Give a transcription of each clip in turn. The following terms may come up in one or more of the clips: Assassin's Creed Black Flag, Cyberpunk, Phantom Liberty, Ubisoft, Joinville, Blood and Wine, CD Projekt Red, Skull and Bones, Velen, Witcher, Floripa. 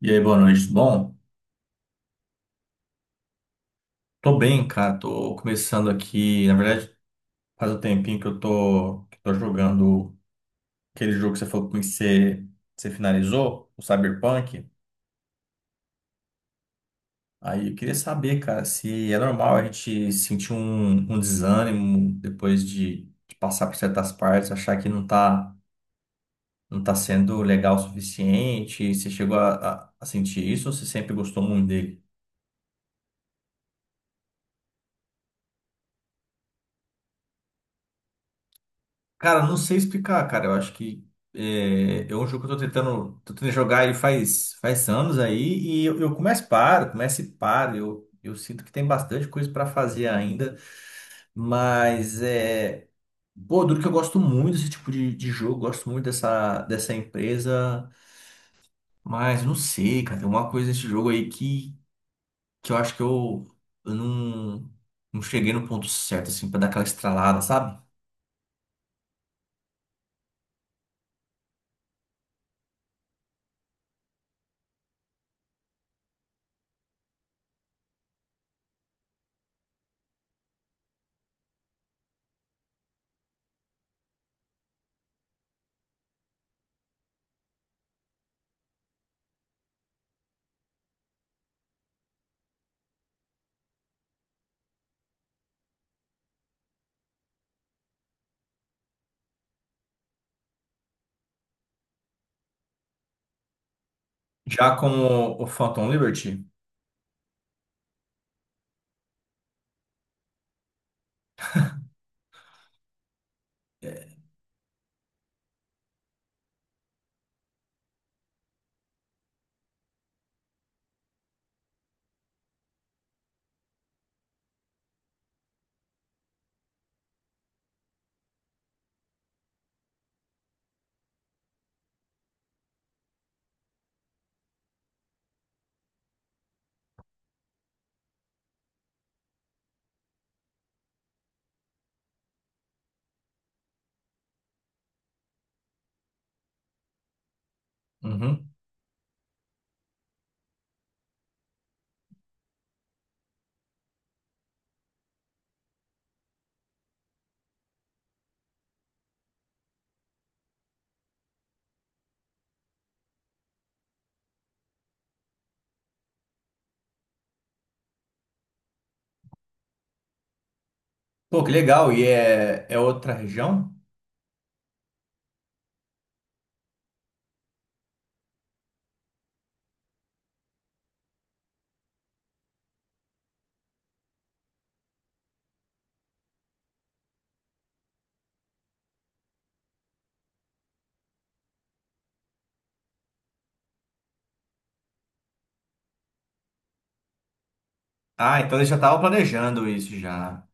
E aí, boa noite. Tudo bom, tô bem, cara. Tô começando aqui. Na verdade, faz um tempinho que que tô jogando aquele jogo que você falou comigo que você finalizou, o Cyberpunk. Aí eu queria saber, cara, se é normal a gente sentir um desânimo depois de passar por certas partes, achar que não tá sendo legal o suficiente. Você chegou a sentir isso ou você sempre gostou muito dele? Cara, não sei explicar, cara. Eu acho que é um jogo que eu tô tentando jogar ele faz anos aí e eu começo e paro, começo e paro. Eu sinto que tem bastante coisa pra fazer ainda, mas é. Pô, duro que eu gosto muito desse tipo de jogo, gosto muito dessa empresa, mas não sei, cara. Tem uma coisa nesse jogo aí que eu acho que eu não cheguei no ponto certo, assim, pra dar aquela estralada, sabe? Já como o Phantom Liberty. É. Uhum. Pô, que legal. E é outra região? Ah, então eles já estavam planejando isso já.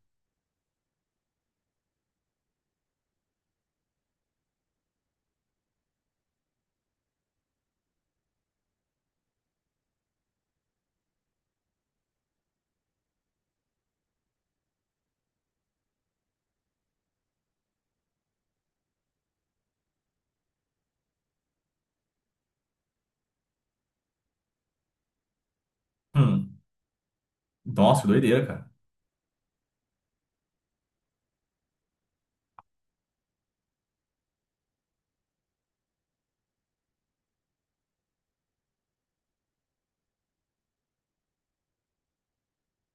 Hum. Nossa, que doideira, cara.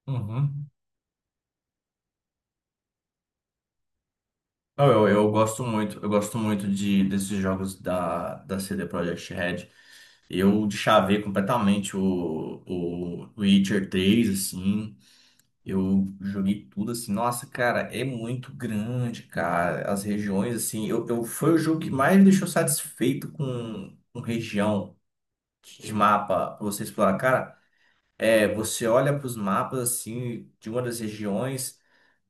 Uhum. Não, eu gosto muito de, desses jogos da CD Projekt Red. Eu deschavei completamente o Witcher 3 assim. Eu joguei tudo assim. Nossa, cara, é muito grande, cara. As regiões, assim. Eu foi o jogo que mais me deixou satisfeito com região de mapa pra você explorar. Cara, é, você olha para os mapas assim de uma das regiões,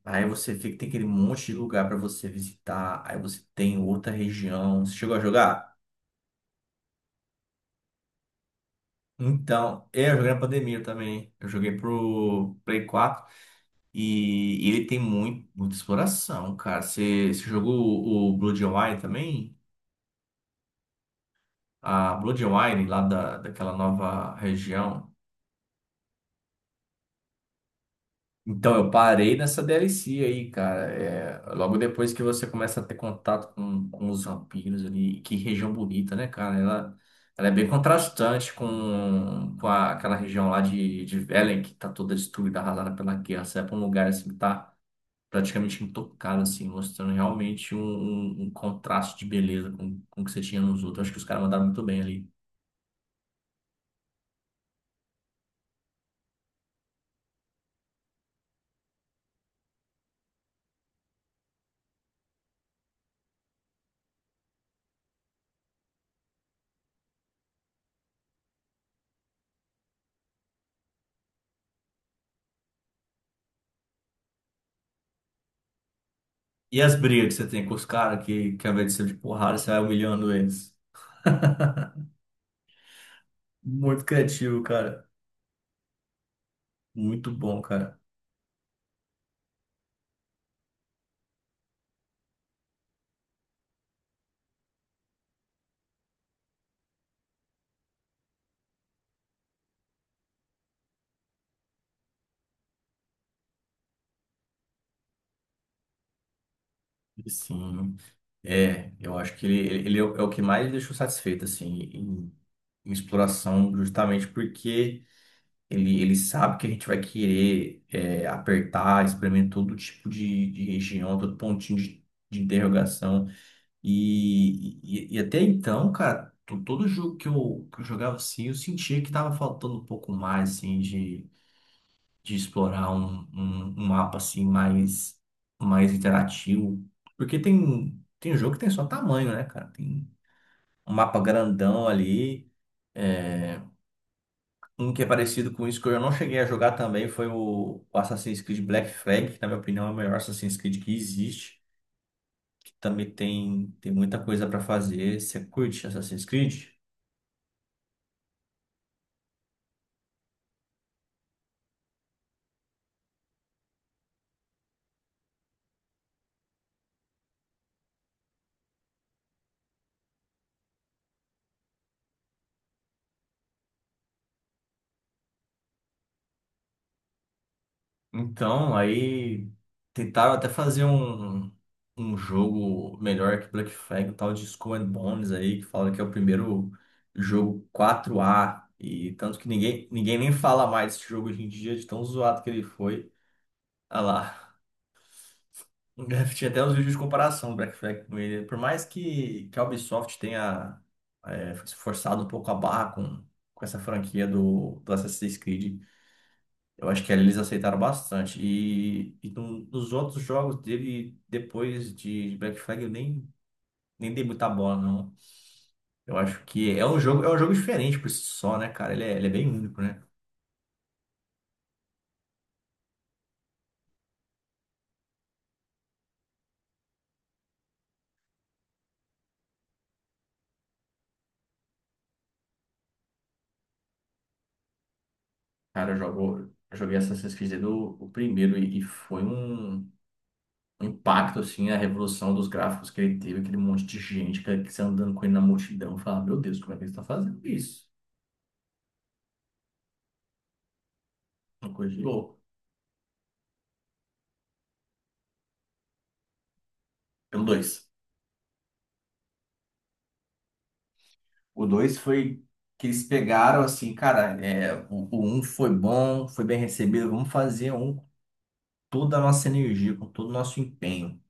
aí você vê que tem aquele monte de lugar para você visitar, aí você tem outra região. Você chegou a jogar? Então, é, eu joguei na pandemia também. Eu joguei pro Play 4 e ele tem muito, muita exploração, cara. Você jogou o Blood and Wine também? A Blood and Wine lá da, daquela nova região. Então, eu parei nessa DLC aí, cara. É, logo depois que você começa a ter contato com os vampiros ali, e que região bonita, né, cara? Ela é bem contrastante com, com aquela região lá de Velen, que tá toda destruída, arrasada pela guerra. Você vai pra um lugar assim que tá praticamente intocado, assim, mostrando realmente um um contraste de beleza com o que você tinha nos outros. Acho que os caras mandaram muito bem ali. E as brigas que você tem com os caras, que ao invés de ser de porrada, você vai humilhando eles. Muito criativo, cara. Muito bom, cara. Sim, é, eu acho que ele é o que mais me deixou satisfeito, assim, em, em exploração, justamente porque ele sabe que a gente vai querer é, apertar, experimentar todo tipo de região, todo pontinho de interrogação. E até então, cara, todo jogo que eu jogava, assim, eu sentia que tava faltando um pouco mais, assim, de explorar um mapa assim mais interativo. Porque tem jogo que tem só tamanho, né, cara? Tem um mapa grandão ali. É, um que é parecido com isso que eu não cheguei a jogar também foi o Assassin's Creed Black Flag, que na minha opinião é o melhor Assassin's Creed que existe, que também tem, tem muita coisa para fazer. Você curte Assassin's Creed? Então, aí tentaram até fazer um jogo melhor que Black Flag, um tal de Skull and Bones aí, que fala que é o primeiro jogo 4A. E tanto que ninguém, ninguém nem fala mais desse jogo hoje em dia, de tão zoado que ele foi. Ah lá. Tinha até uns vídeos de comparação do Black Flag com ele. Por mais que a Ubisoft tenha se forçado um pouco a barra com essa franquia do Assassin's Creed. Eu acho que ali eles aceitaram bastante. E nos outros jogos dele, depois de Black Flag, eu nem, nem dei muita bola, não. Eu acho que é um jogo diferente por si só, né, cara? Ele é bem único, né? Cara, eu joguei Assassin's Creed do, o primeiro e foi um impacto, assim, a revolução dos gráficos que ele teve, aquele monte de gente, cara, que você andando com ele na multidão, falar, meu Deus, como é que eles estão fazendo isso? Uma coisa de louco. Pelo dois. O dois foi que eles pegaram assim, cara, é, o um foi bom, foi bem recebido, vamos fazer um com toda a nossa energia, com todo o nosso empenho,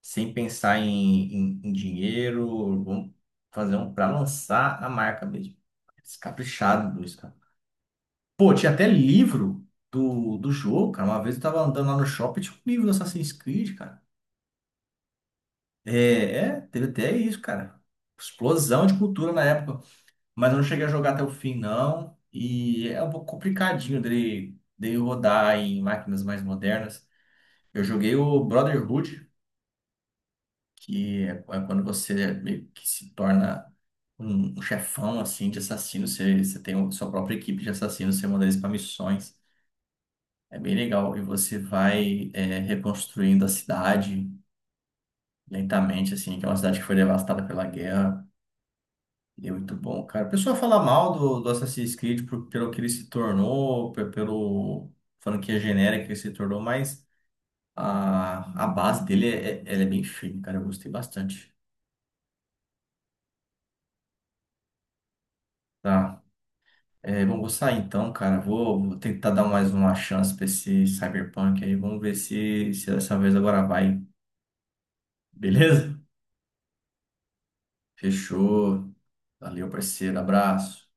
sem pensar em dinheiro, vamos fazer um para lançar a marca mesmo. Descaprichado, dois, cara. Pô, tinha até livro do jogo, cara. Uma vez eu tava andando lá no shopping, tinha um livro do Assassin's Creed, cara. É, teve até isso, cara. Explosão de cultura na época. Mas eu não cheguei a jogar até o fim, não. E é um pouco complicadinho dele, dele rodar em máquinas mais modernas. Eu joguei o Brotherhood, que é quando você meio que se torna um chefão assim de assassinos. Você tem sua própria equipe de assassinos, você manda eles para missões. É bem legal. E você vai é, reconstruindo a cidade lentamente, assim, que é uma cidade que foi devastada pela guerra. E é muito bom, cara. O pessoal fala mal do Assassin's Creed pelo que ele se tornou, pelo franquia genérica que ele se tornou, mas a base dele é, ela é bem firme, cara. Eu gostei bastante. Tá. É, bom, vou sair então, cara. Vou tentar dar mais uma chance pra esse Cyberpunk aí. Vamos ver se, se dessa vez agora vai. Beleza? Fechou. Valeu, parceiro. Abraço.